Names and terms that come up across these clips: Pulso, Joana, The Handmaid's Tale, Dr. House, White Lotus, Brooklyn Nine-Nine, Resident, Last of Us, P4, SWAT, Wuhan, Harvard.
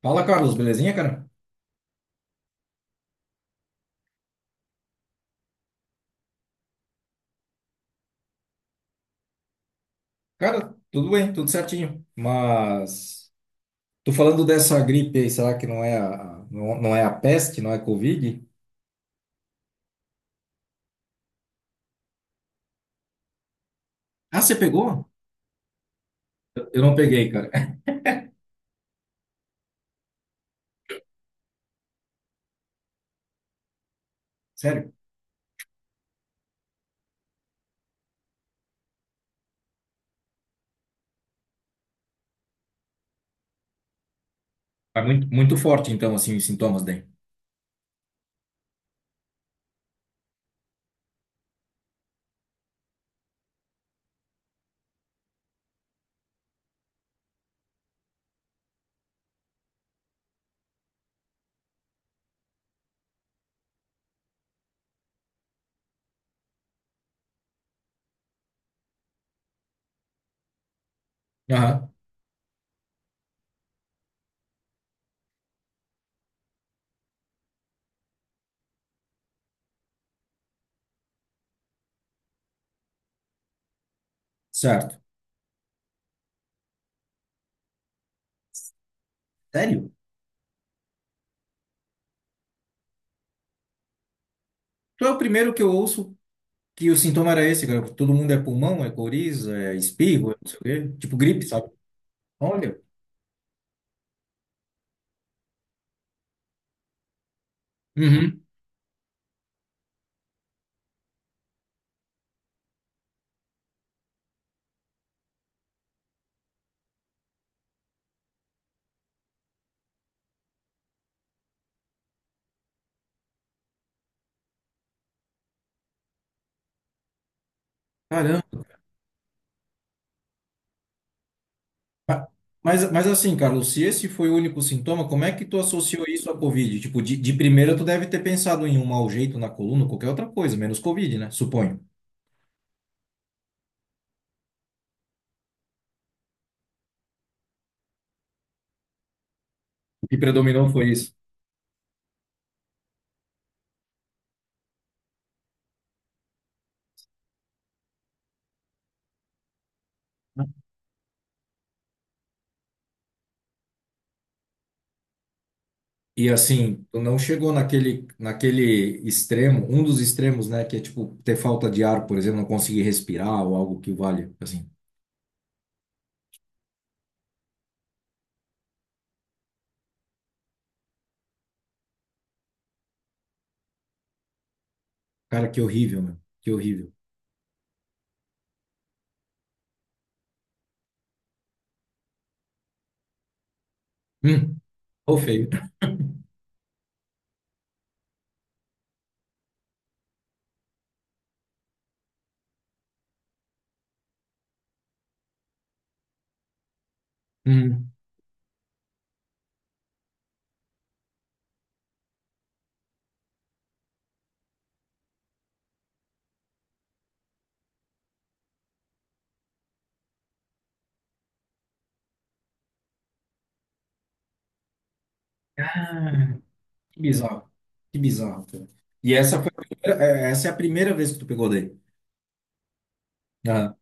Fala, Carlos, belezinha, cara? Cara, tudo bem, tudo certinho. Mas tô falando dessa gripe aí, será que não é a, não, não é a peste, não é Covid? Ah, você pegou? Eu não peguei, cara. Sério? É muito, muito forte, então, assim, os sintomas daí. Aham, certo. Sério? Tu é o primeiro que eu ouço que o sintoma era esse, cara. Todo mundo é pulmão, é coriza, é espirro, é não sei o quê. Tipo gripe, sabe? Olha. Uhum. Caramba. Ma- Mas, assim, Carlos, se esse foi o único sintoma, como é que tu associou isso à Covid? Tipo, de primeira tu deve ter pensado em um mau jeito na coluna, qualquer outra coisa, menos Covid, né? Suponho. O que predominou foi isso. E assim, tu não chegou naquele, naquele extremo, um dos extremos, né? Que é tipo ter falta de ar, por exemplo, não conseguir respirar ou algo que valha. Assim, cara, que horrível, meu. Que horrível. Hum, ou feio. Hum. Ah, que bizarro. Que bizarro, cara. E essa foi a primeira- é, essa é a primeira vez que tu pegou daí. Ah,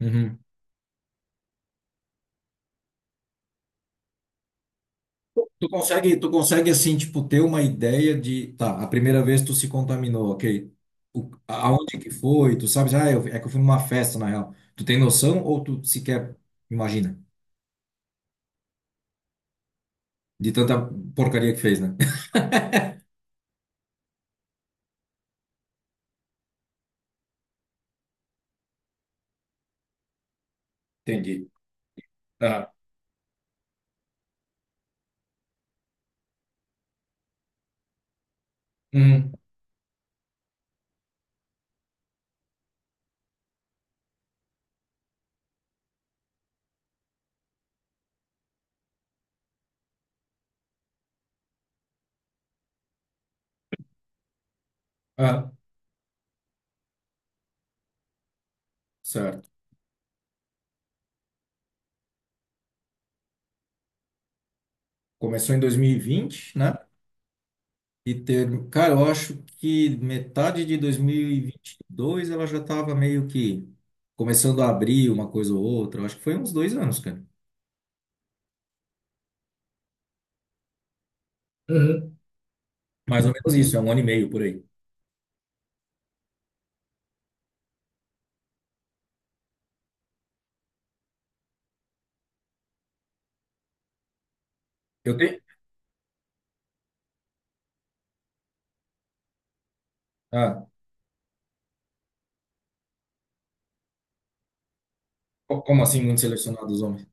uhum. Tu consegue assim, tipo, ter uma ideia de, tá, a primeira vez tu se contaminou, ok? O, aonde que foi? Tu sabes, ah, eu, é que eu fui numa festa, na real. Tu tem noção ou tu sequer imagina? De tanta porcaria que fez, né? Entendi. Ah, uhum. Ah, certo. Começou em 2020, né? E ter, cara, eu acho que metade de dois mil e vinte e dois ela já tava meio que começando a abrir uma coisa ou outra. Eu acho que foi uns dois anos, cara. Mais ou menos isso, é um ano e meio por aí. Eu tenho. Ah, como assim, muito selecionados homens?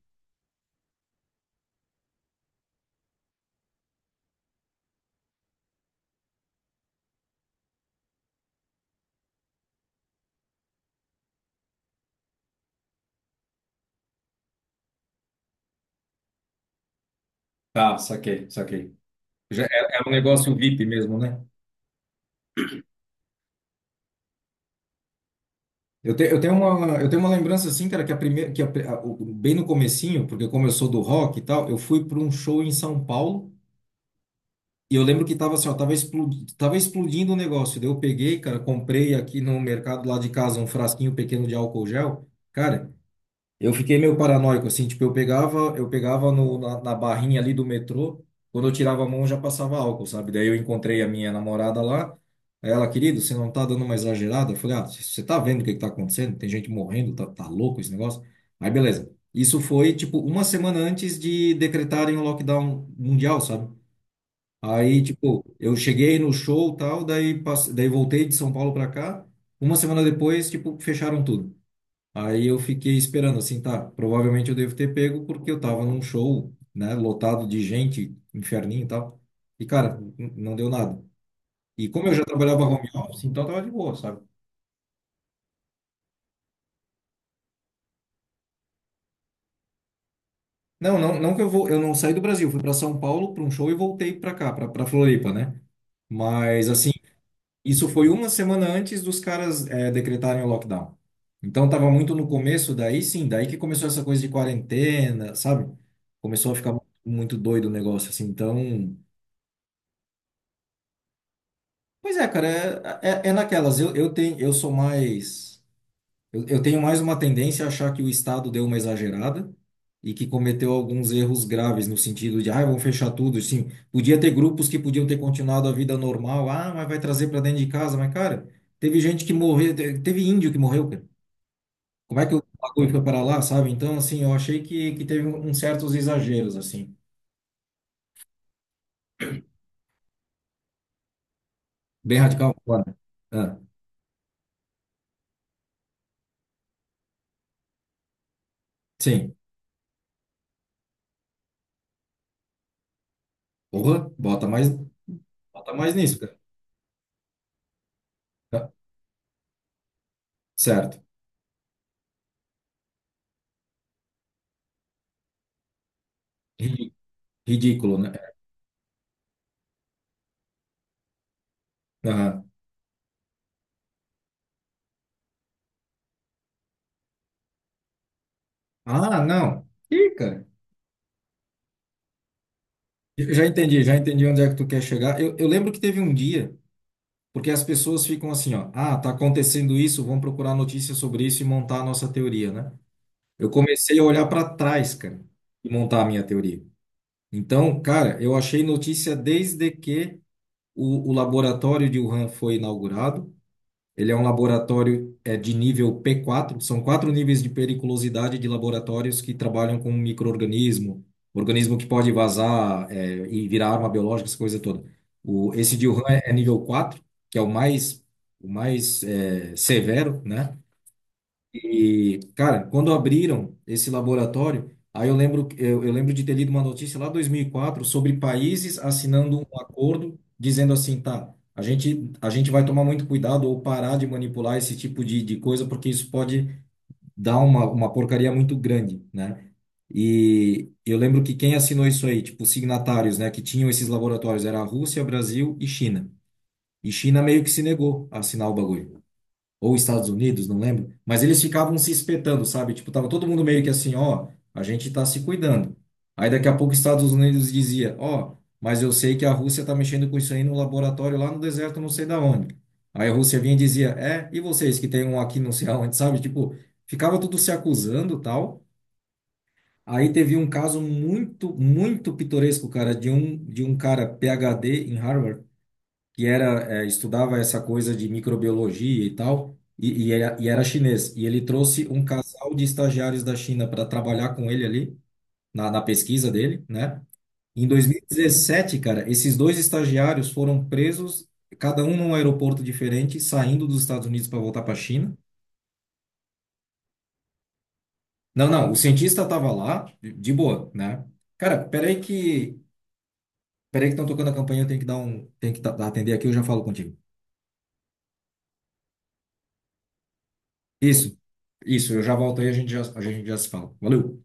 Tá, saquei, saquei. Já é, é um negócio VIP mesmo, né? Eu tenho uma lembrança assim, cara, que a primeira, que a- o- bem no comecinho, porque como eu sou do rock e tal, eu fui para um show em São Paulo e eu lembro que tava assim, ó, tava explodindo o negócio. Daí eu peguei, cara, comprei aqui no mercado lá de casa um frasquinho pequeno de álcool gel. Cara, eu fiquei meio paranoico, assim, tipo, eu pegava no, na, na barrinha ali do metrô, quando eu tirava a mão já passava álcool, sabe? Daí eu encontrei a minha namorada lá, aí ela, querido, você não tá dando uma exagerada? Eu falei, ah, você tá vendo o que que tá acontecendo? Tem gente morrendo, tá, tá louco esse negócio? Aí beleza. Isso foi, tipo, uma semana antes de decretarem o lockdown mundial, sabe? Aí, tipo, eu cheguei no show e tal, daí, passe... daí voltei de São Paulo pra cá, uma semana depois, tipo, fecharam tudo. Aí eu fiquei esperando, assim, tá, provavelmente eu devo ter pego porque eu tava num show, né, lotado de gente, inferninho e tal. E, cara, não deu nada. E como eu já trabalhava home office, então tava de boa, sabe? Não, não, não que eu vou, eu não saí do Brasil, fui para São Paulo para um show e voltei para cá, para Floripa, né? Mas, assim, isso foi uma semana antes dos caras, decretarem o lockdown. Então tava muito no começo, daí sim, daí que começou essa coisa de quarentena, sabe? Começou a ficar muito doido o negócio, assim, então... Pois é, cara, é, é, é naquelas. Eu tenho, eu sou mais. Eu tenho mais uma tendência a achar que o Estado deu uma exagerada e que cometeu alguns erros graves no sentido de, ah, vão fechar tudo. Sim, podia ter grupos que podiam ter continuado a vida normal. Ah, mas vai trazer para dentro de casa. Mas, cara, teve gente que morreu, teve índio que morreu, cara. Como é que o bagulho foi para lá, sabe? Então, assim, eu achei que teve um, uns certos exageros, assim. Bem radical, claro. Ah, sim. Porra, bota mais nisso, cara. Tá, certo. Ri- Ridículo, né? Aham. Ah, não. Ih, cara. Eu já entendi, já entendi onde é que tu quer chegar. Eu lembro que teve um dia, porque as pessoas ficam assim, ó, ah, tá acontecendo isso, vamos procurar notícias sobre isso e montar a nossa teoria, né? Eu comecei a olhar para trás, cara, e montar a minha teoria. Então, cara, eu achei notícia desde que o laboratório de Wuhan foi inaugurado. Ele é um laboratório é, de nível P4, são quatro níveis de periculosidade de laboratórios que trabalham com micro-organismo, organismo que pode vazar é, e virar arma biológica, essa coisa toda. O, esse de Wuhan é, é nível 4, que é o mais é, severo, né? E, cara, quando abriram esse laboratório, aí eu lembro de ter lido uma notícia lá em 2004 sobre países assinando um acordo dizendo assim, tá, a gente vai tomar muito cuidado ou parar de manipular esse tipo de coisa, porque isso pode dar uma porcaria muito grande, né? E eu lembro que quem assinou isso aí, tipo, signatários, né, que tinham esses laboratórios, era a Rússia, Brasil e China. E China meio que se negou a assinar o bagulho ou Estados Unidos, não lembro, mas eles ficavam se espetando, sabe? Tipo, tava todo mundo meio que assim, ó, a gente tá se cuidando. Aí daqui a pouco os Estados Unidos dizia, ó, mas eu sei que a Rússia tá mexendo com isso aí no laboratório lá no deserto, não sei da onde. Aí a Rússia vinha e dizia, é, e vocês que tem um aqui não sei aonde, sabe? Tipo, ficava tudo se acusando, tal. Aí teve um caso muito, muito pitoresco, cara, de um cara PhD em Harvard que era, é, estudava essa coisa de microbiologia e tal, era, e era chinês. E ele trouxe um casal de estagiários da China para trabalhar com ele ali, na, na pesquisa dele, né? Em 2017, cara, esses dois estagiários foram presos, cada um num aeroporto diferente, saindo dos Estados Unidos para voltar para a China. Não, não, o cientista estava lá, de boa, né? Cara, peraí que. Peraí que estão tocando a campainha, eu tenho que dar um. Tenho que atender aqui, eu já falo contigo. Isso, isso, eu já volto aí, a gente já se fala. Valeu!